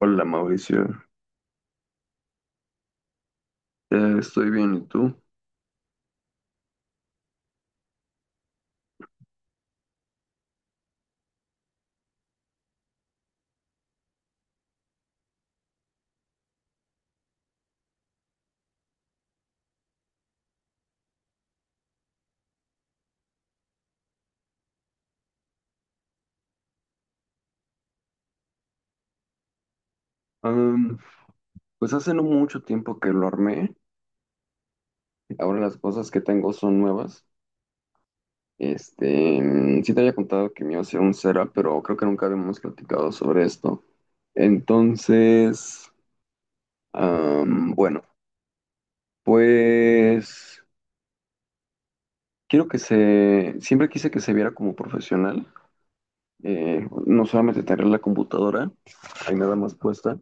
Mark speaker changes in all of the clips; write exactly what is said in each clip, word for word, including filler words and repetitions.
Speaker 1: Hola Mauricio. Eh, estoy bien, ¿y tú? Am, pues hace no mucho tiempo que lo armé, ahora las cosas que tengo son nuevas. Este, mm, sí te había contado que me iba a hacer un setup, pero creo que nunca habíamos platicado sobre esto. Entonces, am, bueno, pues quiero que se, siempre quise que se viera como profesional, eh, no solamente tener la computadora ahí nada más puesta,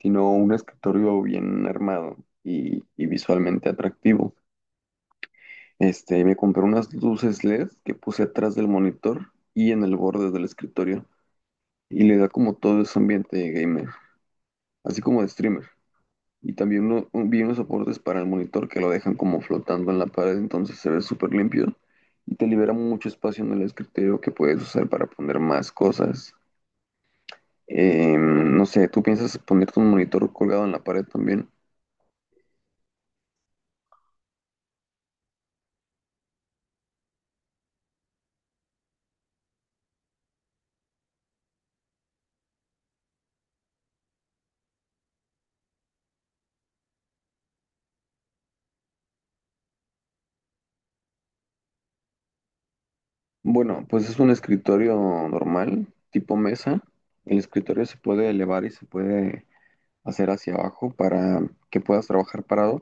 Speaker 1: sino un escritorio bien armado y, y visualmente atractivo. Este, me compré unas luces L E D que puse atrás del monitor y en el borde del escritorio, y le da como todo ese ambiente de gamer, así como de streamer. Y también uno, un- vi unos soportes para el monitor que lo dejan como flotando en la pared, entonces se ve súper limpio y te libera mucho espacio en el escritorio que puedes usar para poner más cosas. Em, no sé, ¿tú piensas ponerte un monitor colgado en la pared también? Bueno, pues es un escritorio normal, tipo mesa. El escritorio se puede elevar y se puede hacer hacia abajo para que puedas trabajar parado.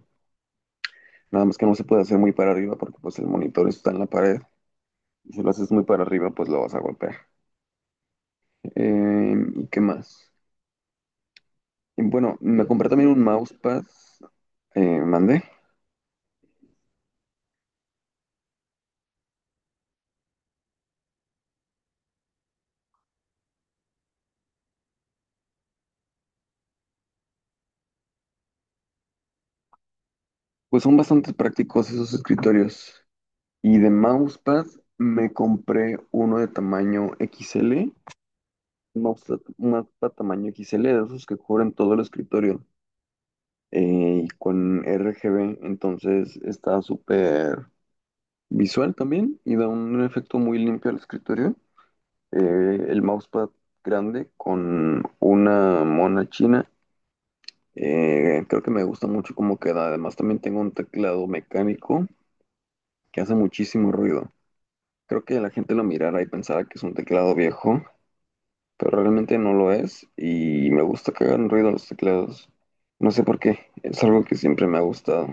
Speaker 1: Nada más que no se puede hacer muy para arriba porque pues el monitor está en la pared. Si lo haces muy para arriba, pues lo vas a golpear. Eh, ¿y qué más? Y bueno, me compré también un mousepad. Eh, mandé. Pues son bastante prácticos esos escritorios. Y de mousepad me compré uno de tamaño X L, un mousepad un mousepad tamaño X L, de esos que cubren todo el escritorio, eh, y con R G B, entonces está súper visual también y da un efecto muy limpio al escritorio. Eh, el mousepad grande con una mona china, eh, creo que me gusta mucho cómo queda. Además, también tengo un teclado mecánico que hace muchísimo ruido. Creo que la gente lo mirara y pensara que es un teclado viejo, pero realmente no lo es y me gusta que hagan ruido los teclados. No sé por qué, es algo que siempre me ha gustado.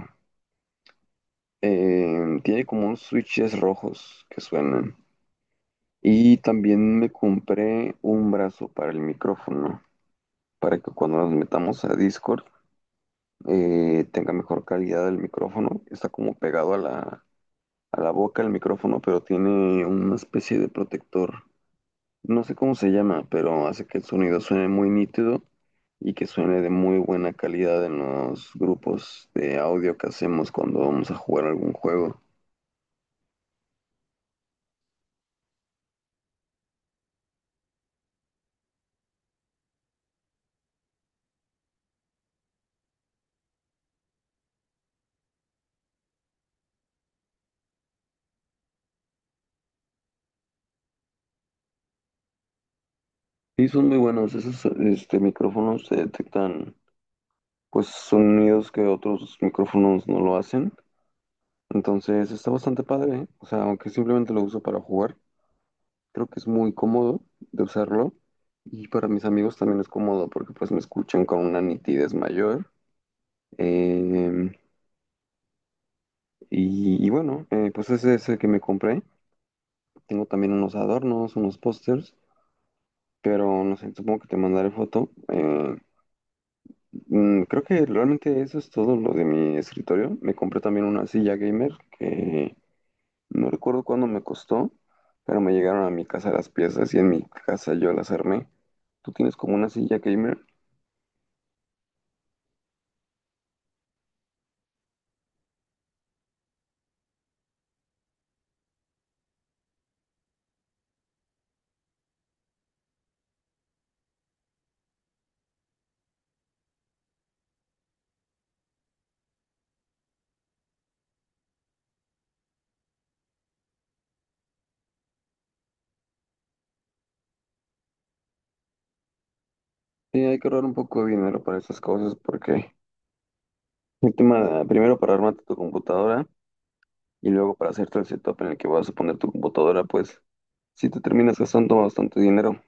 Speaker 1: Eh, tiene como unos switches rojos que suenan. Y también me compré un brazo para el micrófono, para que cuando nos metamos a Discord eh, tenga mejor calidad el micrófono. Está como pegado a la, a la boca el micrófono, pero tiene una especie de protector. No sé cómo se llama, pero hace que el sonido suene muy nítido y que suene de muy buena calidad en los grupos de audio que hacemos cuando vamos a jugar algún juego. Y son muy buenos, esos este, micrófonos se detectan pues sonidos que otros micrófonos no lo hacen. Entonces está bastante padre, ¿eh? O sea, aunque simplemente lo uso para jugar, creo que es muy cómodo de usarlo. Y para mis amigos también es cómodo porque pues me escuchan con una nitidez mayor. Eh, Y, y bueno, eh, pues ese es el que me compré. Tengo también unos adornos, unos pósters, pero no sé, supongo que te mandaré foto. Eh, mm, creo que realmente eso es todo lo de mi escritorio. Me compré también una silla gamer que no recuerdo cuándo me costó, pero me llegaron a mi casa las piezas y en mi casa yo las armé. ¿Tú tienes como una silla gamer? Sí, hay que ahorrar un poco de dinero para esas cosas porque el tema, primero para armarte tu computadora y luego para hacerte el setup en el que vas a poner tu computadora, pues si te terminas gastando bastante dinero.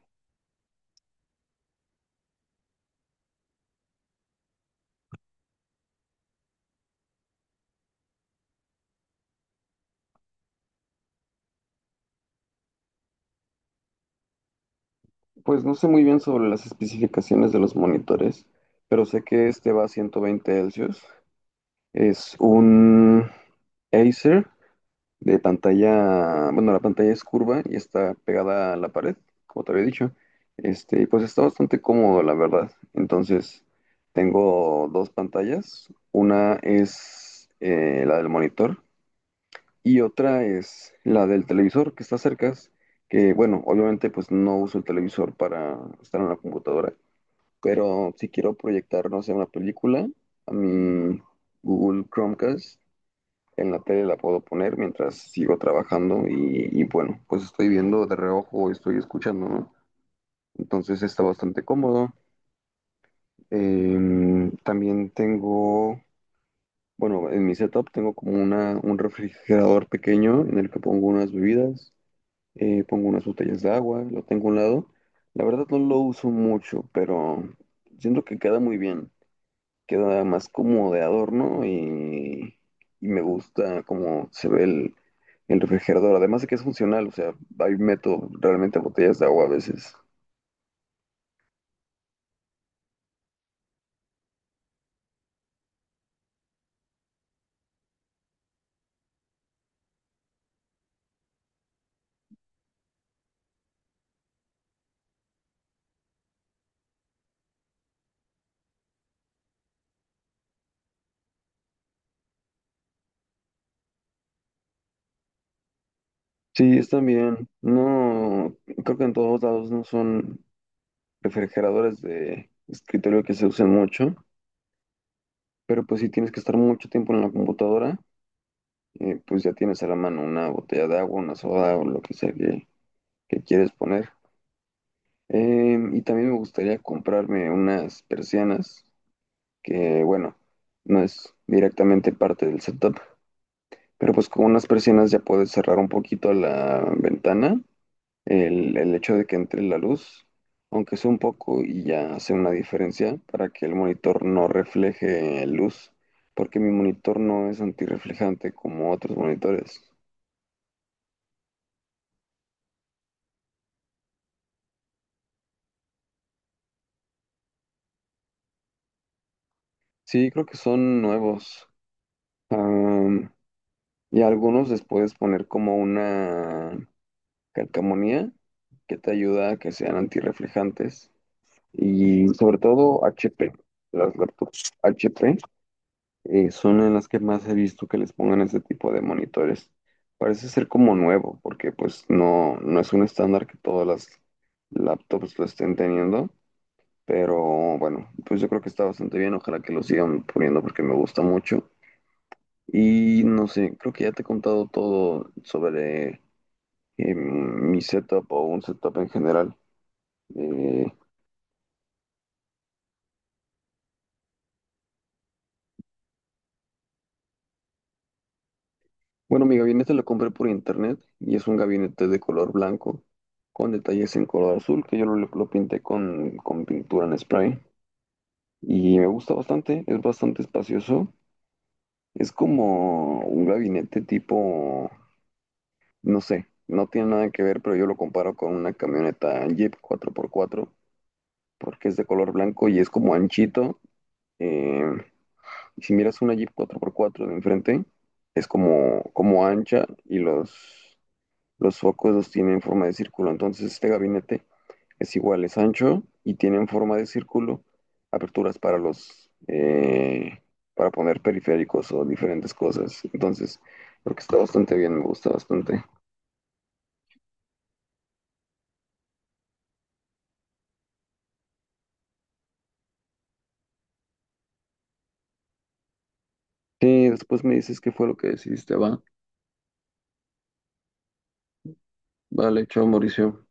Speaker 1: Pues no sé muy bien sobre las especificaciones de los monitores, pero sé que este va a ciento veinte Hz. Es un Acer de pantalla, bueno, la pantalla es curva y está pegada a la pared, como te había dicho. Este, y pues está bastante cómodo, la verdad. Entonces, tengo dos pantallas. Una es eh, la del monitor. Y otra es la del televisor que está cerca, que bueno, obviamente pues no uso el televisor para estar en la computadora, pero si quiero proyectar, no sé, una película, a mi Google Chromecast en la tele la puedo poner mientras sigo trabajando y, y, bueno, pues estoy viendo de reojo, o estoy escuchando, ¿no? Entonces está bastante cómodo. Em, también tengo, bueno, en mi setup tengo como una, un refrigerador pequeño en el que pongo unas bebidas, eh, pongo unas botellas de agua, lo tengo a un lado. La verdad no lo uso mucho, pero siento que queda muy bien. Queda más como de adorno y, y me gusta cómo se ve el, el refrigerador. Además de que es funcional, o sea, ahí meto realmente botellas de agua a veces. Sí, están bien. No, creo que en todos lados no son refrigeradores de escritorio que se usen mucho, pero pues sí tienes que estar mucho tiempo en la computadora, eh, pues ya tienes a la mano una botella de agua, una soda o lo que sea que, que quieres poner. Eh, y también me gustaría comprarme unas persianas, que bueno, no es directamente parte del setup, pero pues con unas persianas ya puedes cerrar un poquito la ventana, el, el hecho de que entre la luz, aunque sea un poco, y ya hace una diferencia para que el monitor no refleje luz, porque mi monitor no es antirreflejante como otros monitores. Sí, creo que son nuevos. Am, y algunos les puedes poner como una calcamonía que te ayuda a que sean antirreflejantes. Y sobre todo H P. Las laptops H P eh, son en las que más he visto que les pongan este tipo de monitores. Parece ser como nuevo, porque pues no, no es un estándar que todas las laptops lo estén teniendo. Pero bueno, pues yo creo que está bastante bien. Ojalá que lo sigan poniendo porque me gusta mucho. Y no sé, creo que ya te he contado todo sobre eh, mi setup o un setup en general. Eh, bueno, mi gabinete lo compré por internet y es un gabinete de color blanco con detalles en color azul que yo lo, lo pinté con, con pintura en spray y me gusta bastante, es bastante espacioso. Es como un gabinete tipo, no sé, no tiene nada que ver, pero yo lo comparo con una camioneta Jeep cuatro por cuatro porque es de color blanco y es como anchito. Eh, si miras una Jeep cuatro por cuatro de enfrente, es como, como ancha y los, los focos los tienen en forma de círculo. Entonces este gabinete es igual, es ancho y tienen forma de círculo, aperturas para los eh, para poner periféricos o diferentes cosas. Entonces, creo que está bastante bien, me gusta bastante. Sí, después me dices qué fue lo que decidiste, va. Vale, chao Mauricio.